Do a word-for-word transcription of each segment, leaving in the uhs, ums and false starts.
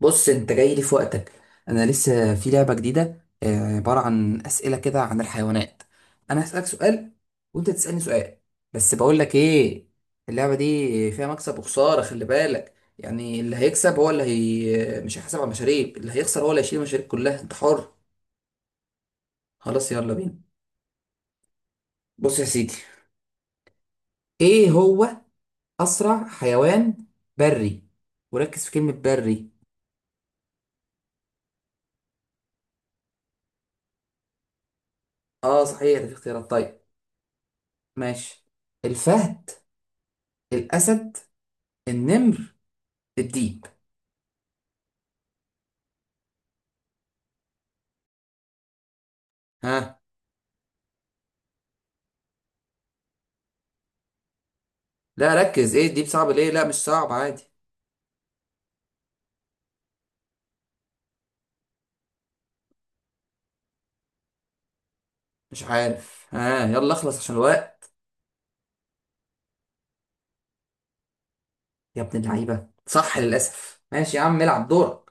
بص، انت جاي لي في وقتك. انا لسه في لعبه جديده، آه، عباره عن اسئله كده عن الحيوانات. انا هسالك سؤال، وانت تسالني سؤال. بس بقول لك ايه، اللعبه دي فيها مكسب وخساره، خلي بالك. يعني اللي هيكسب هو اللي هي مش هيحاسب على المشاريب، اللي هيخسر هو اللي هيشيل المشاريب كلها. انت حر. خلاص، يلا بينا. بص يا سيدي، ايه هو اسرع حيوان بري؟ وركز في كلمه بري. اه صحيح، ده في اختيارات، طيب. ماشي، الفهد، الاسد، النمر، الديب. ها؟ لا ركز، ايه الديب صعب ليه؟ لا مش صعب، عادي. مش عارف، ها، يلا اخلص عشان الوقت. يا ابن اللعيبه، صح للاسف، ماشي يا عم، العب دورك.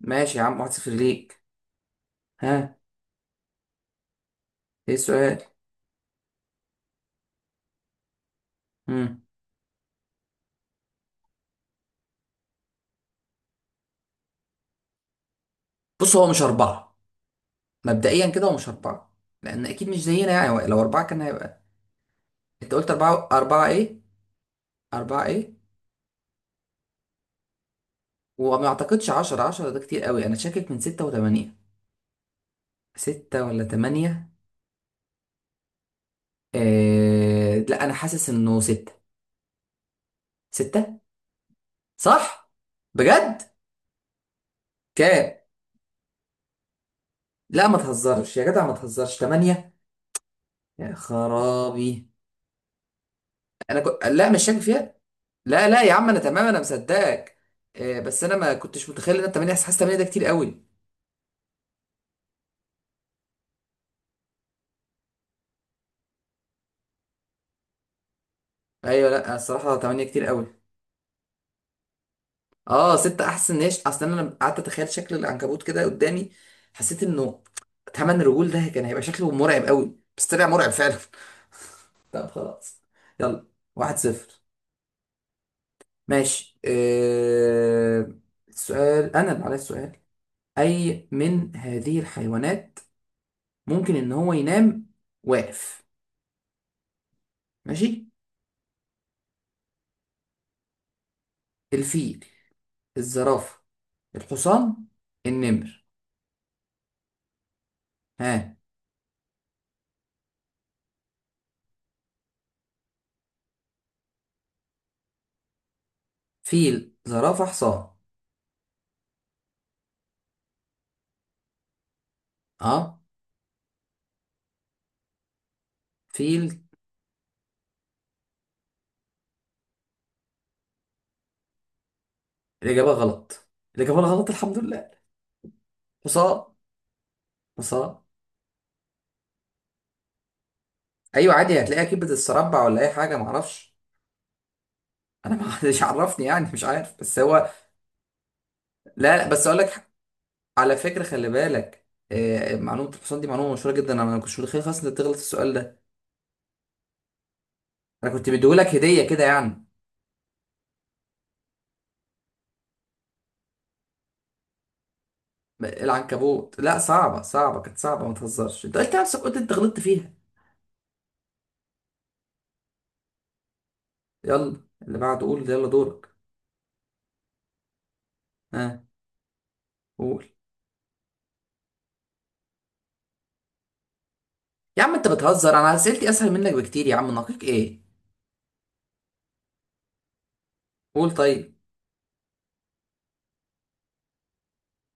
ماشي يا عم، واحد صفر ليك. ها؟ ايه السؤال؟ مم. بص، هو مش اربعه. مبدئيا كده هو مش اربعه، لان اكيد مش زينا، يعني هو لو اربعه كان هيبقى. انت قلت اربعه، اربعه ايه؟ اربعه ايه؟ وما اعتقدش عشرة، عشرة ده كتير قوي. انا شاكك من ستة و8. ستة ولا تمانية؟ آه... لا، انا حاسس انه 6. ستة. صح؟ بجد؟ كام؟ لا ما تهزرش يا جدع، ما تهزرش، تمانية؟ يا خرابي. انا كنت، لا مش شاك فيها. لا لا يا عم، انا تمام، انا مصدقك. آه، بس انا ما كنتش متخيل ان أنا تمانية، حاسس تمانية ده كتير قوي. ايوه، لا الصراحة تمانية كتير قوي. اه ستة احسن، ان هي ش- اصل انا لما قعدت اتخيل شكل العنكبوت كده قدامي، حسيت انه تمن رجول ده كان هيبقى شكله مرعب قوي، بس طلع مرعب فعلا. طب خلاص، يلا واحد صفر. ماشي، آه... سؤال، أنا اللي عليا السؤال. أي من هذه الحيوانات ممكن إن هو ينام واقف؟ ماشي، الفيل، الزرافة، الحصان، النمر. ها؟ فيل، زرافة، حصان؟ اه، فيل. الإجابة غلط؟ الإجابة غلط، الحمد لله. حصان، حصان. أيوة عادي، هتلاقيها كبدة السربع ولا أي حاجة، معرفش. أنا ما حدش عرفني يعني، مش عارف، بس هو. لا لا، بس أقول لك، على فكرة، خلي بالك. آه، معلومة الحصان دي معلومة مشهورة جدا، انا ما كنتش متخيل خالص انك تغلط في السؤال ده. انا كنت مديهولك هدية كده يعني. العنكبوت لا، صعبة صعبة، كانت صعبة، ما تهزرش، انت قلت نفسك، قلت انت غلطت فيها. يلا اللي بعده، قول يلا، دورك. ها، قول. يا عم انت بتهزر، انا اسئلتي اسهل منك بكتير يا عم، نقيك ايه. قول طيب.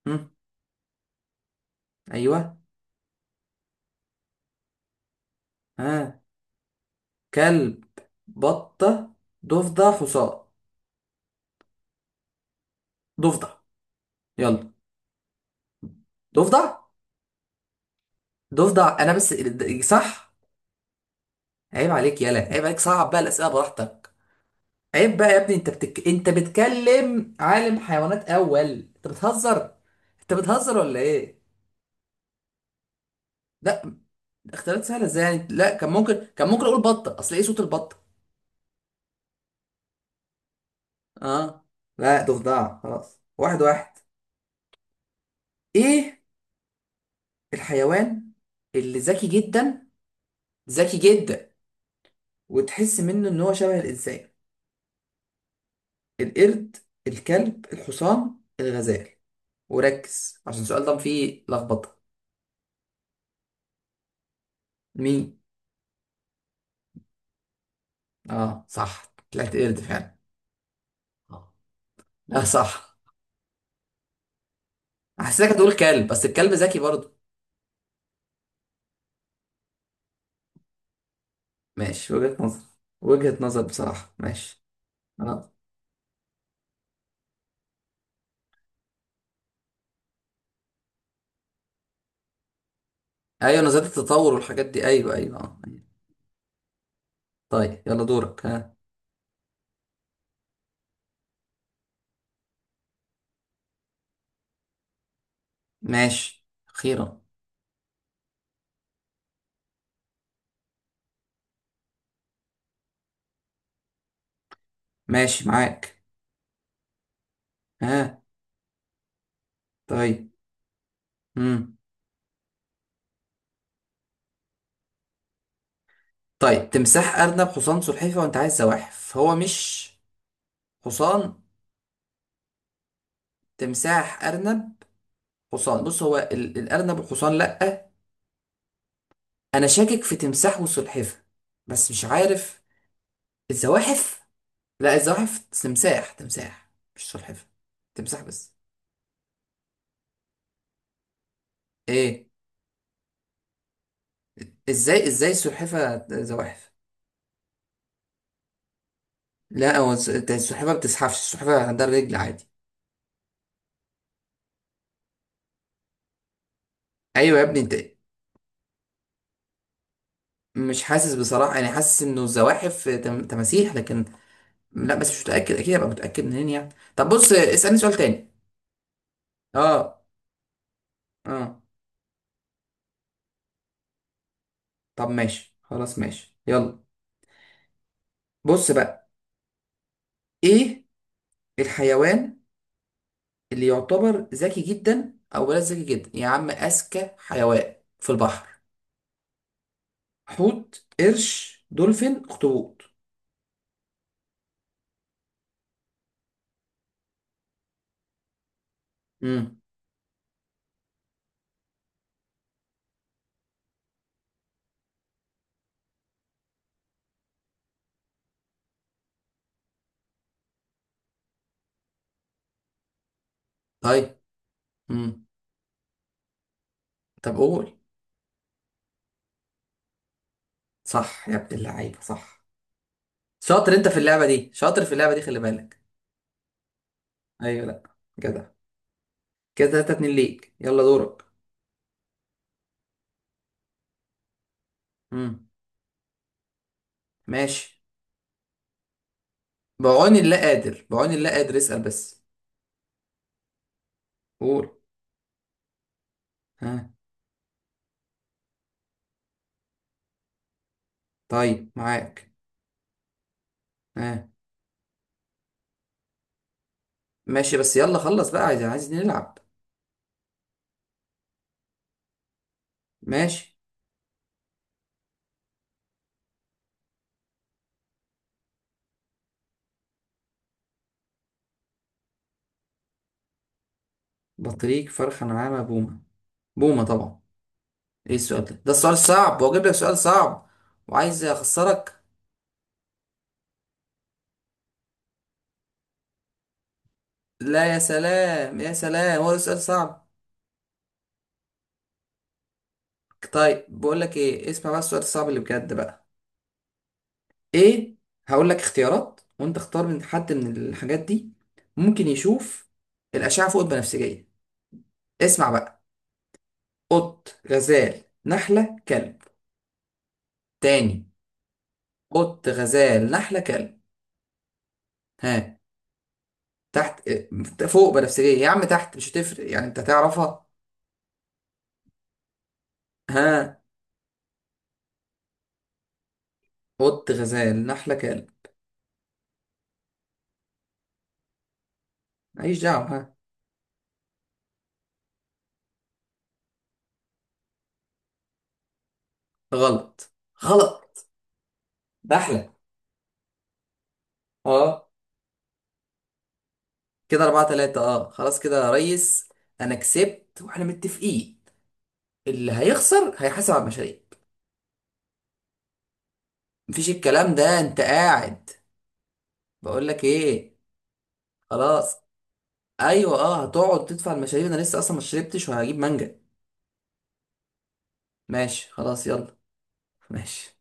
هم. ايوه. ها. كلب، بطة، ضفدع، حصان. ضفدع، يلا. ضفدع، ضفدع انا بس. صح. عيب عليك، يالا عيب عليك، صعب بقى الاسئله، براحتك. عيب بقى يا ابني، انت بتك... انت بتكلم عالم حيوانات اول. انت بتهزر، انت بتهزر ولا ايه؟ لا. اختيارات سهله ازاي يعني؟ لا، كان ممكن، كان ممكن اقول بطه، اصل ايه صوت البطه. اه، لا ضفدع خلاص، واحد واحد. ايه الحيوان اللي ذكي جدا، ذكي جدا، وتحس منه ان هو شبه الانسان؟ القرد، الكلب، الحصان، الغزال. وركز عشان السؤال ده فيه لخبطه. مين؟ اه صح، طلعت قرد فعلا. اه، لا صح. حسيتك هتقول كلب، بس الكلب ذكي برضه. ماشي، وجهة نظر. وجهة نظر بصراحة، ماشي. اه، ايوه، نظرية التطور والحاجات دي، ايوه ايوه، اه، أيوة. طيب يلا دورك، ها. ماشي اخيرا. ماشي معاك. ها. طيب. امم طيب، تمساح، ارنب، حصان، سلحفة، وانت عايز زواحف، هو مش. حصان، تمساح، ارنب، حصان. بص هو ال- الارنب والحصان لا، انا شاكك في تمساح وسلحفة، بس مش عارف. الزواحف، لا الزواحف تمساح، تمساح، مش سلحفة، تمساح بس. ايه؟ ازاي ازاي السلحفة زواحف؟ لا، هو الس- السلحفة ما بتزحفش، السلحفة عندها رجل عادي. ايوه يا ابني انت. مش حاسس بصراحة، انا حاسس انه الزواحف تم- تماسيح، لكن لا، بس مش متأكد، اكيد ابقى متأكد منين يعني؟ طب بص، اسألني سؤال تاني. اه. اه، طب ماشي خلاص، ماشي يلا. بص بقى، ايه الحيوان اللي يعتبر ذكي جدا، او بلاش ذكي جدا يا عم، اذكى حيوان في البحر؟ حوت، قرش، دولفين، اخطبوط. امم طيب. امم طب قول. صح يا ابن اللعيبه، صح. شاطر انت في اللعبه دي، شاطر في اللعبه دي، خلي بالك. ايوه، لا جدع. كده تلاتة اتنين ليك، يلا دورك. امم ماشي. بعون الله قادر، بعون الله قادر، اسال بس. قول، ها. طيب معاك، ها. ماشي بس، يلا خلص بقى، عايز عايز نلعب. ماشي. بطريق، فرخة، نعامة، بومة. بومة طبعا. ايه السؤال ده؟ ده السؤال الصعب، واجيب لك سؤال صعب وعايز اخسرك. لا، يا سلام يا سلام، هو ده سؤال صعب؟ طيب بقول لك ايه، اسمع بقى السؤال الصعب اللي بجد بقى. ايه؟ هقول لك اختيارات، وانت اختار من حد من الحاجات دي ممكن يشوف الاشعه فوق البنفسجيه. اسمع بقى، قط، غزال، نحله، كلب. تاني، قط، غزال، نحله، كلب. ها؟ تحت، اه، فوق بنفسجية يا عم، تحت مش هتفرق يعني، انت هتعرفها. ها. قط، غزال، نحلة، كلب. ماليش دعوة، ها. غلط. غلط. نحلة. اه. كده أربعة تلاتة، اه خلاص، كده يا ريس. أنا كسبت، وإحنا متفقين اللي هيخسر هيحاسب على المشاريب. مفيش الكلام ده، أنت قاعد. بقول لك إيه، خلاص. أيوه اه، هتقعد تدفع المشاريب. أنا لسه أصلا ما شربتش، وهجيب مانجا. ماشي خلاص، يلا. ماشي.